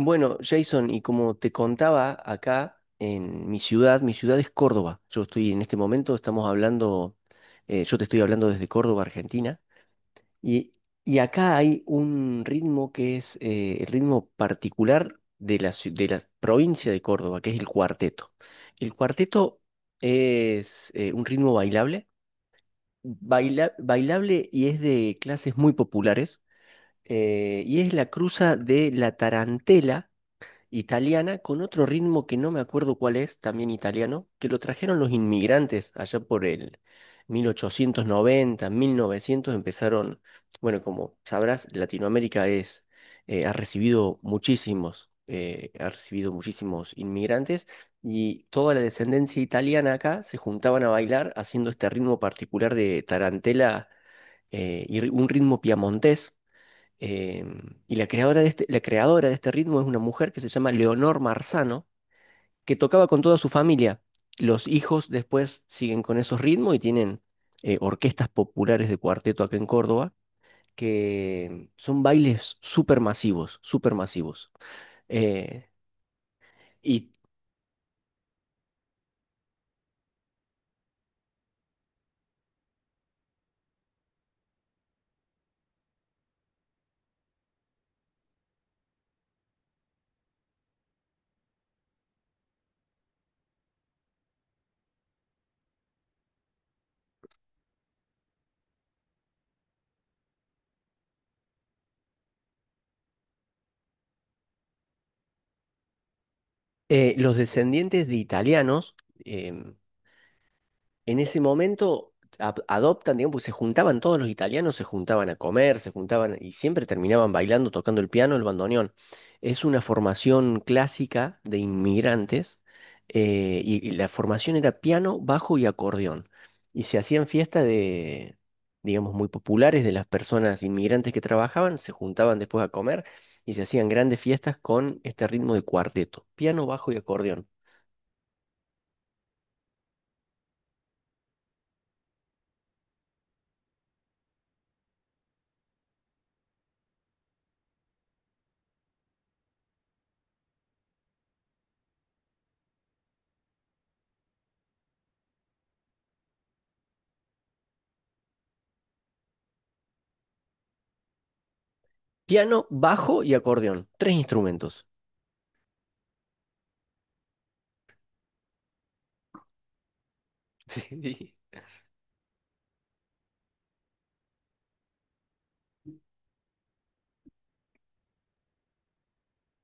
Bueno, Jason, y como te contaba acá en mi ciudad es Córdoba. Yo estoy en este momento, estamos hablando, yo te estoy hablando desde Córdoba, Argentina, y, y acá hay un ritmo que es el ritmo particular de la, de la provincia de Córdoba, que es el cuarteto. El cuarteto es un ritmo bailable, bailable y es de clases muy populares, y es la cruza de la tarantela italiana con otro ritmo que no me acuerdo cuál es, también italiano, que lo trajeron los inmigrantes allá por el 1890, 1900 empezaron. Bueno, como sabrás, Latinoamérica es ha recibido muchísimos inmigrantes, y toda la descendencia italiana acá se juntaban a bailar haciendo este ritmo particular de tarantela un ritmo piamontés, eh, y la creadora de este ritmo es una mujer que se llama Leonor Marzano, que tocaba con toda su familia. Los hijos después siguen con esos ritmos y tienen orquestas populares de cuarteto acá en Córdoba, que son bailes súper masivos, súper masivos. Eh, y los descendientes de italianos, em, en ese momento adoptan, digamos, porque se juntaban todos los italianos, se juntaban a comer, se juntaban y siempre terminaban bailando, tocando el piano, el bandoneón. Es una formación clásica de inmigrantes, y la formación era piano, bajo y acordeón. Y se hacían fiestas de, digamos, muy populares de las personas inmigrantes que trabajaban, se juntaban después a comer y se hacían grandes fiestas con este ritmo de cuarteto, piano, bajo y acordeón. Piano, bajo y acordeón, tres instrumentos. Sí.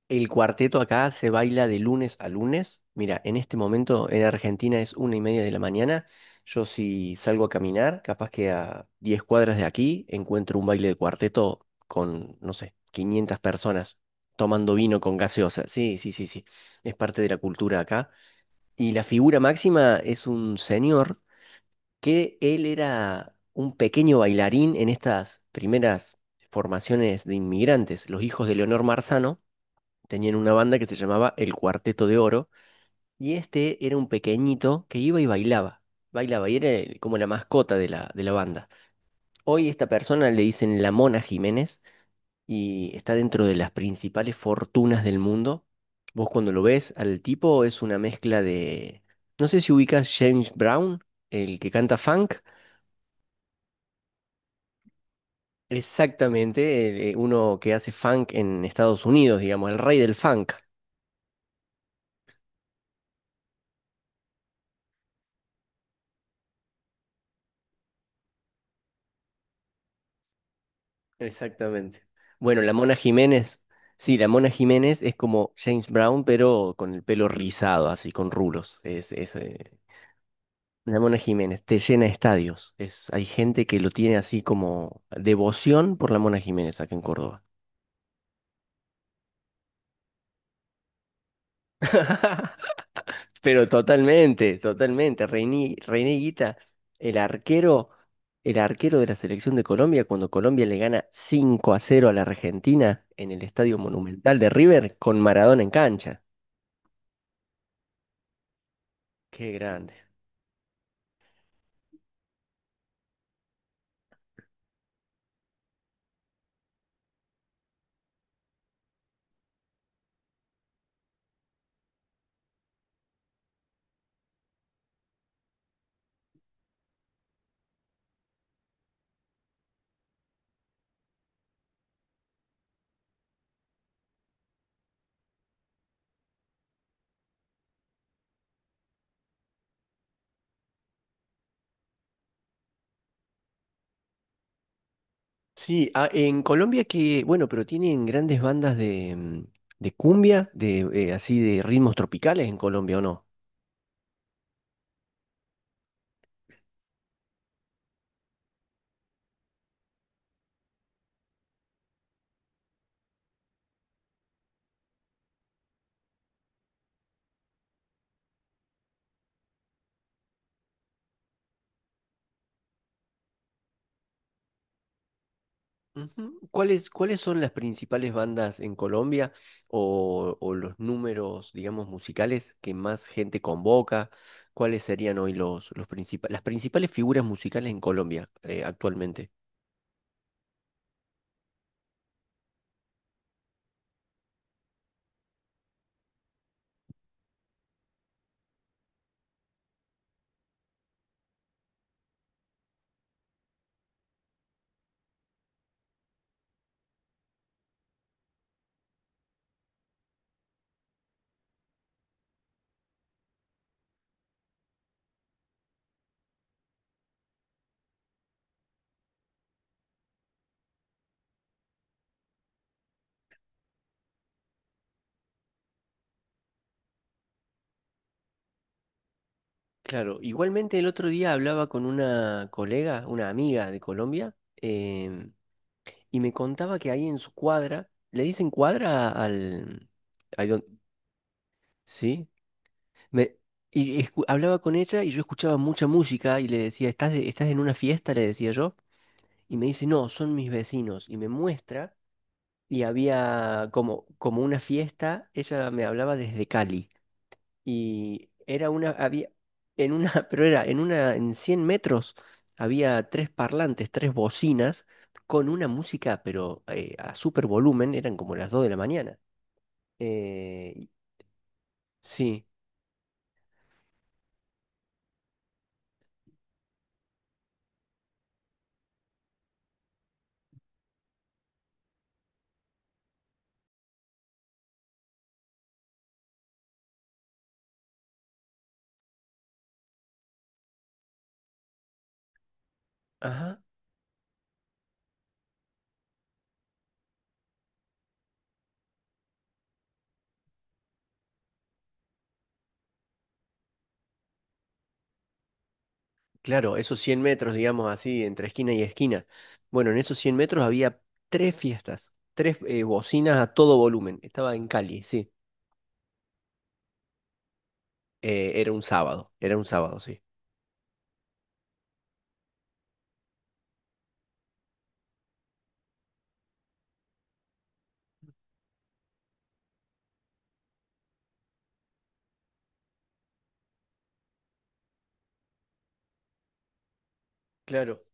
El cuarteto acá se baila de lunes a lunes. Mira, en este momento en Argentina es una y media de la mañana. Yo si salgo a caminar, capaz que a 10 cuadras de aquí encuentro un baile de cuarteto con, no sé, 500 personas tomando vino con gaseosa. Sí, sí, sí, sí. Es parte de la cultura acá. Y la figura máxima es un señor que él era un pequeño bailarín en estas primeras formaciones de inmigrantes. Los hijos de Leonor Marzano tenían una banda que se llamaba El Cuarteto de Oro, y este era un pequeñito que iba y bailaba. Bailaba y era como la mascota de la banda. Hoy esta persona le dicen La Mona Jiménez y está dentro de las principales fortunas del mundo. Vos cuando lo ves al tipo es una mezcla de... No sé si ubicas James Brown, el que canta funk. Exactamente, uno que hace funk en Estados Unidos, digamos, el rey del funk. Exactamente. Bueno, la Mona Jiménez, sí, la Mona Jiménez es como James Brown, pero con el pelo rizado, así, con rulos. La Mona Jiménez te llena estadios. Es, hay gente que lo tiene así como devoción por la Mona Jiménez acá en Córdoba. Pero totalmente, totalmente. René Guita, el arquero, el arquero de la selección de Colombia, cuando Colombia le gana 5 a cero a la Argentina en el Estadio Monumental de River con Maradona en cancha. Qué grande. Sí, ah, en Colombia que, bueno, pero tienen grandes bandas de, de cumbia, de así de ritmos tropicales en Colombia, ¿o no? Ujú. Cuáles son las principales bandas en Colombia o los números, digamos, musicales que más gente convoca? ¿Cuáles serían hoy los principales, las principales figuras musicales en Colombia actualmente? Claro, igualmente el otro día hablaba con una colega, una amiga de Colombia. Y me contaba que ahí en su cuadra, le dicen cuadra al... ahí ¿sí? Me, hablaba con ella y yo escuchaba mucha música y le decía, ¿estás, estás en una fiesta?, le decía yo. Y me dice, no, son mis vecinos. Y me muestra, y había como, como una fiesta, ella me hablaba desde Cali. Y era una, había, en una, pero era en una, en 100 metros había tres parlantes, tres bocinas con una música, pero a súper volumen, eran como las 2 de la mañana. Eh, y- sí, ajá, claro, esos cien metros, digamos así, entre esquina y esquina. Bueno, en esos 100 metros había tres fiestas, tres bocinas a todo volumen. Estaba en Cali, sí. Era un sábado, sí. Claro.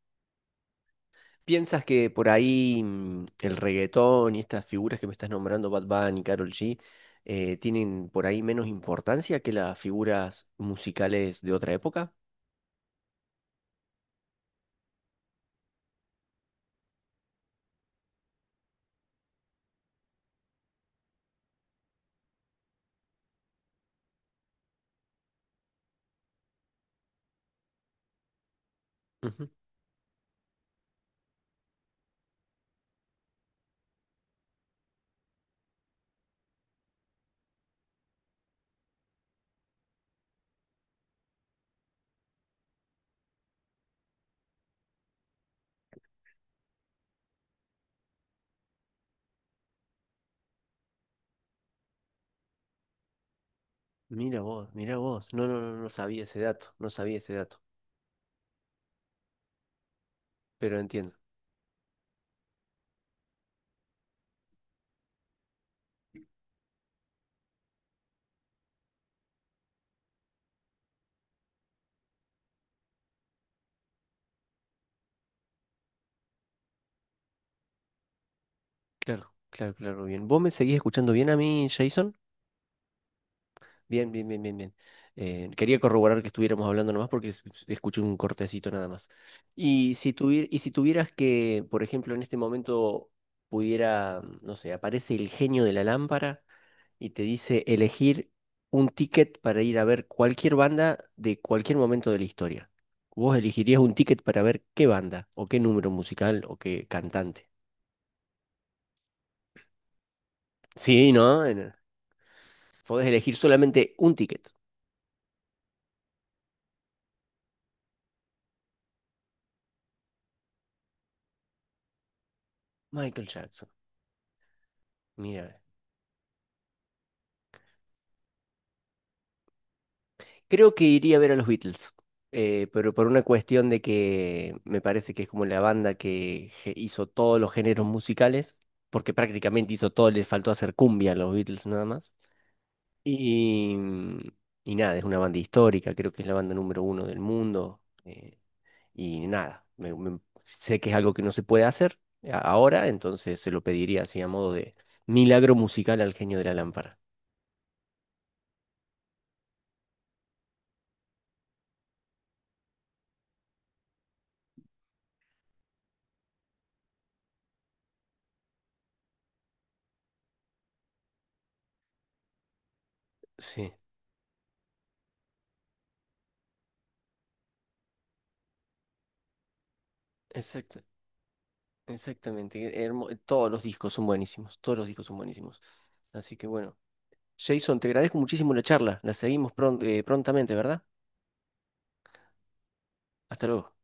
¿Piensas que por ahí el reggaetón y estas figuras que me estás nombrando, Bad Bunny, Karol G, tienen por ahí menos importancia que las figuras musicales de otra época? Ujú. Mira vos, mira vos. No, no, no, no sabía ese dato, no sabía ese dato, pero entiendo. Claro, claro, claro, bien. ¿Vos me seguís escuchando bien a mí, Jason? Bien, bien, bien, bien, bien. Quería corroborar que estuviéramos hablando nomás porque escuché un cortecito nada más. Y si y si tuvieras que, por ejemplo, en este momento pudiera, no sé, aparece el genio de la lámpara y te dice elegir un ticket para ir a ver cualquier banda de cualquier momento de la historia. ¿Vos elegirías un ticket para ver qué banda o qué número musical o qué cantante? Sí, ¿no? En- Podés elegir solamente un ticket. Michael Jackson. Mira. Creo que iría a ver a los Beatles, pero por una cuestión de que me parece que es como la banda que hizo todos los géneros musicales, porque prácticamente hizo todo, les faltó hacer cumbia a los Beatles nada más. Y, y nada, es una banda histórica, creo que es la banda número uno del mundo. Y nada, sé que es algo que no se puede hacer ahora, entonces se lo pediría así a modo de milagro musical al genio de la lámpara. Sí, exacto. Exactamente, todos los discos son buenísimos, todos los discos son buenísimos. Así que bueno, Jason, te agradezco muchísimo la charla, la seguimos prontamente, ¿verdad? Hasta luego.